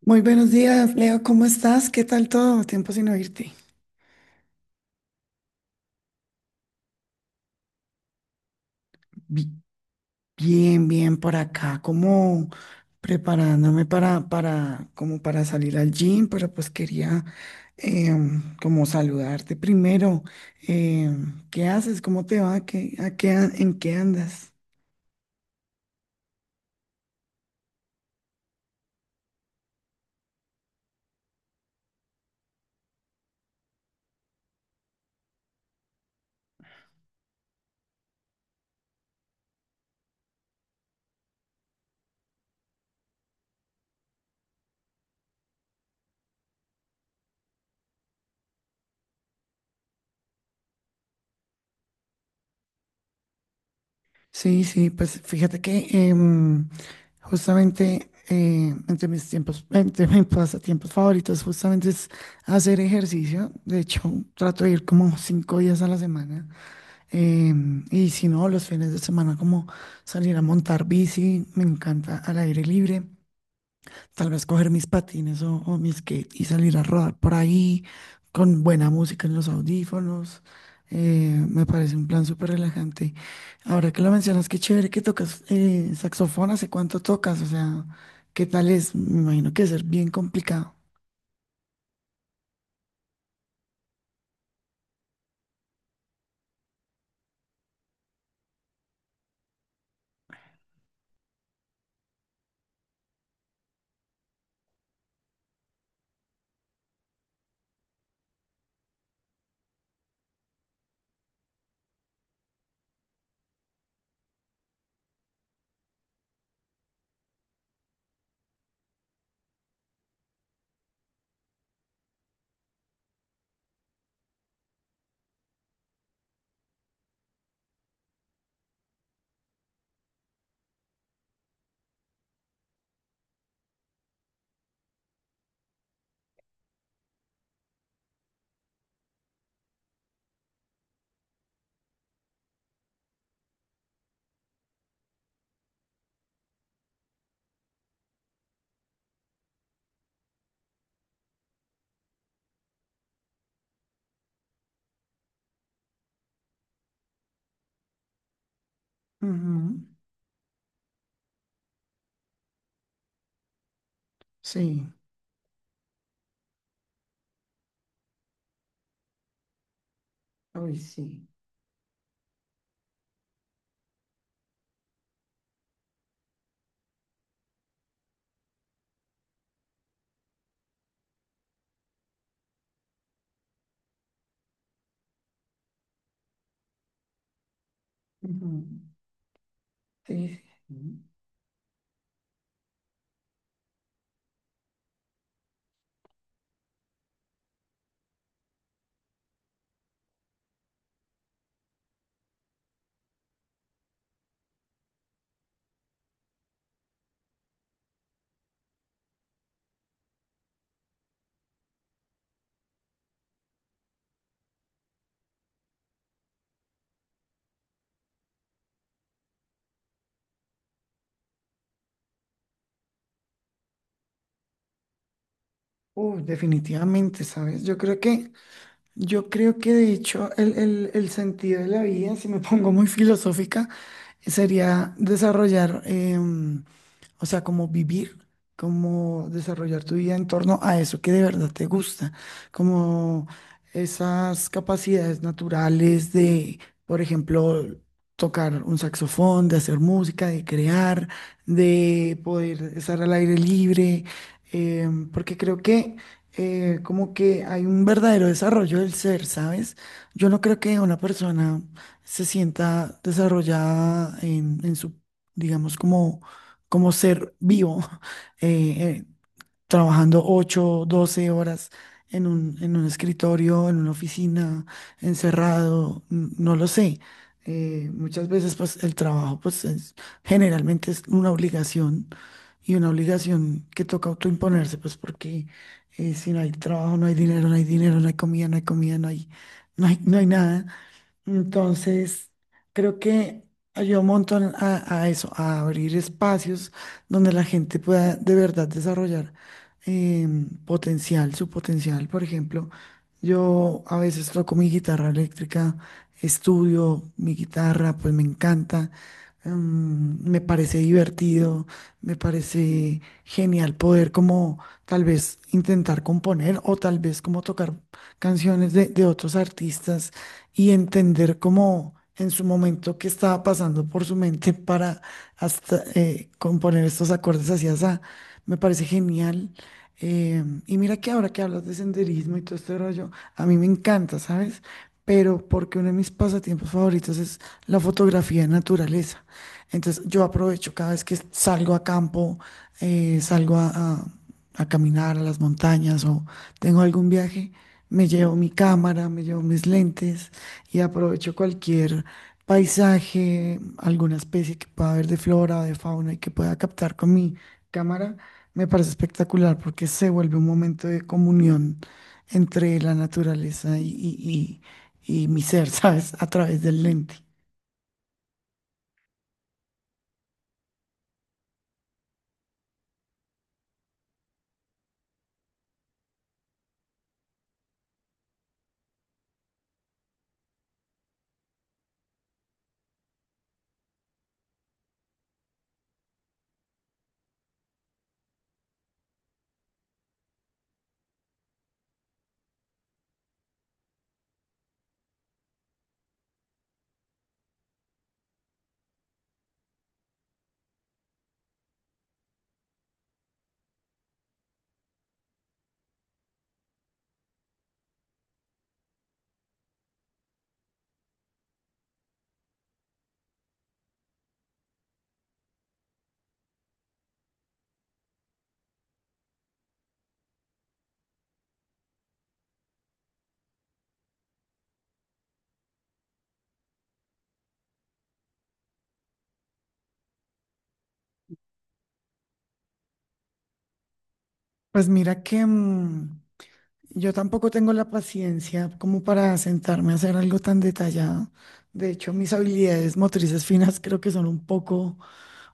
Muy buenos días, Leo, ¿cómo estás? ¿Qué tal todo? Tiempo sin oírte. Bi- Bien, bien por acá, como preparándome como para salir al gym, pero pues quería como saludarte primero. ¿Qué haces? ¿Cómo te va? ¿Qué, a qué, an- en qué andas? Sí, sí, pues fíjate que justamente entre mis pasatiempos favoritos, justamente es hacer ejercicio. De hecho, trato de ir como 5 días a la semana. Y si no, los fines de semana, como salir a montar bici, me encanta al aire libre. Tal vez coger mis patines o mi skate y salir a rodar por ahí con buena música en los audífonos. Me parece un plan súper relajante. Ahora que lo mencionas, qué chévere que tocas saxofón. ¿Hace cuánto tocas? O sea, ¿qué tal es? Me imagino que debe ser bien complicado. Ujú. Sí. Uy, sí. Ujú. Sí. Sí. Uy, definitivamente, ¿sabes? Yo creo que de hecho el sentido de la vida, si me pongo muy filosófica, sería desarrollar, o sea, como vivir, como desarrollar tu vida en torno a eso que de verdad te gusta, como esas capacidades naturales de, por ejemplo, tocar un saxofón, de hacer música, de crear, de poder estar al aire libre, porque creo que como que hay un verdadero desarrollo del ser, ¿sabes? Yo no creo que una persona se sienta desarrollada en su, digamos, como ser vivo, eh, eh, trabajando 8 12 horas en un escritorio, en una oficina, encerrado, no lo sé. Muchas veces pues el trabajo pues generalmente es una obligación y una obligación que toca autoimponerse pues porque si no hay trabajo no hay dinero, no hay comida, no hay, no hay nada. Entonces, creo que ayuda un montón a eso, a abrir espacios donde la gente pueda de verdad desarrollar su potencial. Por ejemplo, yo a veces toco mi guitarra eléctrica, estudio mi guitarra, pues me encanta, me parece divertido, me parece genial poder como tal vez intentar componer o tal vez como tocar canciones de otros artistas y entender cómo en su momento qué estaba pasando por su mente para hasta componer estos acordes así, así. Me parece genial. Y mira que ahora que hablas de senderismo y todo este rollo, a mí me encanta, ¿sabes? Pero porque uno de mis pasatiempos favoritos es la fotografía de naturaleza. Entonces yo aprovecho cada vez que salgo a campo, salgo a caminar a las montañas o tengo algún viaje, me llevo mi cámara, me llevo mis lentes y aprovecho cualquier paisaje, alguna especie que pueda haber de flora o de fauna y que pueda captar con mi cámara. Me parece espectacular porque se vuelve un momento de comunión entre la naturaleza y mi ser, ¿sabes? A través del lente. Pues mira que, yo tampoco tengo la paciencia como para sentarme a hacer algo tan detallado. De hecho, mis habilidades motrices finas creo que son un poco,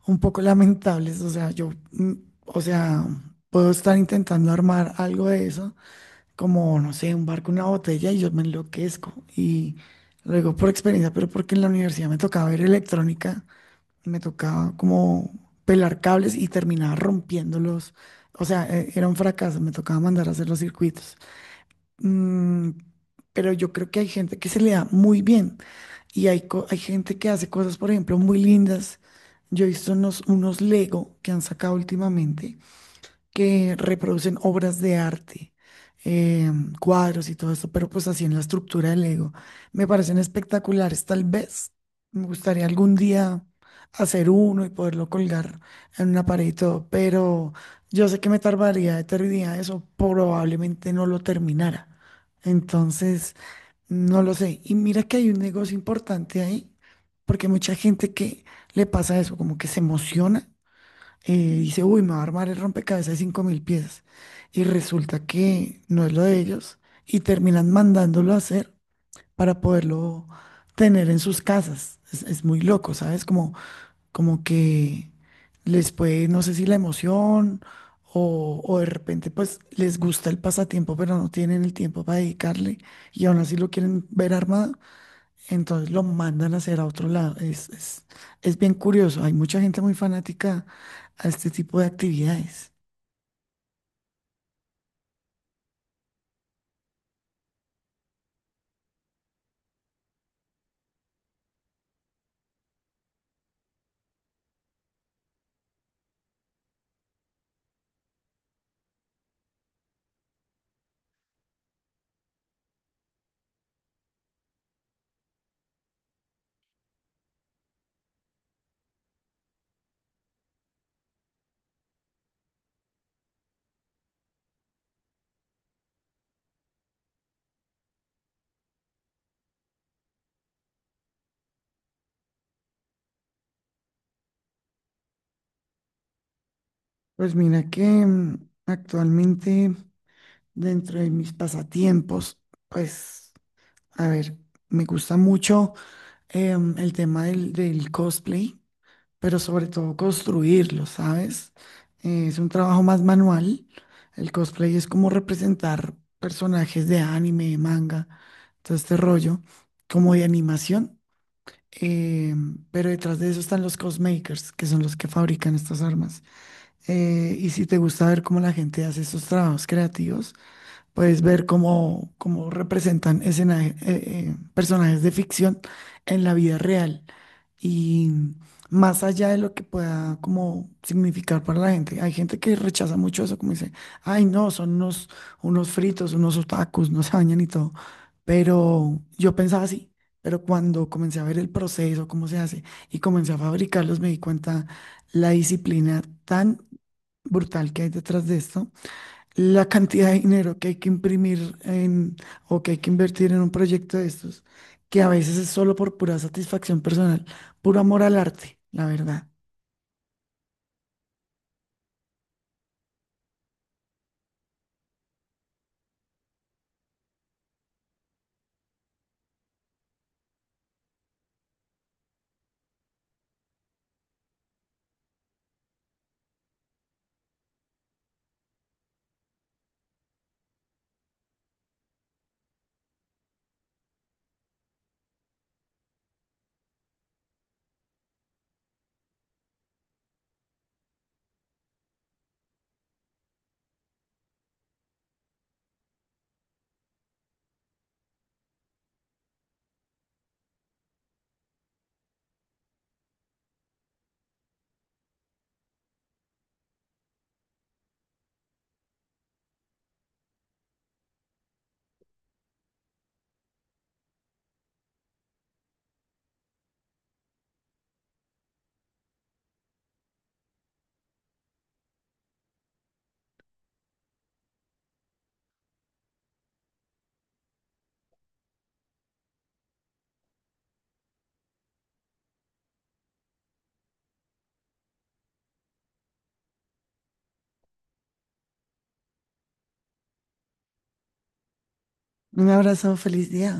un poco lamentables. O sea, yo, o sea, puedo estar intentando armar algo de eso, como, no sé, un barco, una botella, y yo me enloquezco. Y luego por experiencia, pero porque en la universidad me tocaba ver electrónica, me tocaba como pelar cables y terminaba rompiéndolos. O sea, era un fracaso, me tocaba mandar a hacer los circuitos. Mm, pero yo creo que hay gente que se le da muy bien y hay gente que hace cosas, por ejemplo, muy lindas. Yo he visto unos Lego que han sacado últimamente que reproducen obras de arte, eh, cuadros y todo esto, pero pues así en la estructura del Lego. Me parecen espectaculares, tal vez. Me gustaría algún día hacer uno y poderlo colgar en una pared y todo, pero yo sé que me tardaría eternidad, eso probablemente no lo terminara. Entonces, no lo sé. Y mira que hay un negocio importante ahí, porque mucha gente que le pasa eso, como que se emociona dice, uy, me va a armar el rompecabezas de 5.000 piezas. Y resulta que no es lo de ellos y terminan mandándolo a hacer para poderlo tener en sus casas. Es muy loco, ¿sabes? Como que les puede, no sé si la emoción o de repente pues les gusta el pasatiempo, pero no tienen el tiempo para dedicarle y aún así lo quieren ver armado. Entonces lo mandan a hacer a otro lado. Es bien curioso. Hay mucha gente muy fanática a este tipo de actividades. Pues mira que actualmente dentro de mis pasatiempos, pues, a ver, me gusta mucho el tema del cosplay, pero sobre todo construirlo, ¿sabes? Es un trabajo más manual. El cosplay es como representar personajes de anime, manga, todo este rollo, como de animación. Eh, pero detrás de eso están los cosmakers, que son los que fabrican estas armas. Y si te gusta ver cómo la gente hace esos trabajos creativos, puedes ver cómo representan personajes de ficción en la vida real. Y más allá de lo que pueda como significar para la gente, hay gente que rechaza mucho eso, como dice, ay no, son unos fritos, unos otakus, no se bañan y todo. Pero yo pensaba así, pero cuando comencé a ver el proceso, cómo se hace, y comencé a fabricarlos, me di cuenta la disciplina tan brutal que hay detrás de esto, la cantidad de dinero que hay que imprimir en, o que hay que invertir en un proyecto de estos, que a veces es solo por pura satisfacción personal, puro amor al arte, la verdad. Un abrazo, feliz día.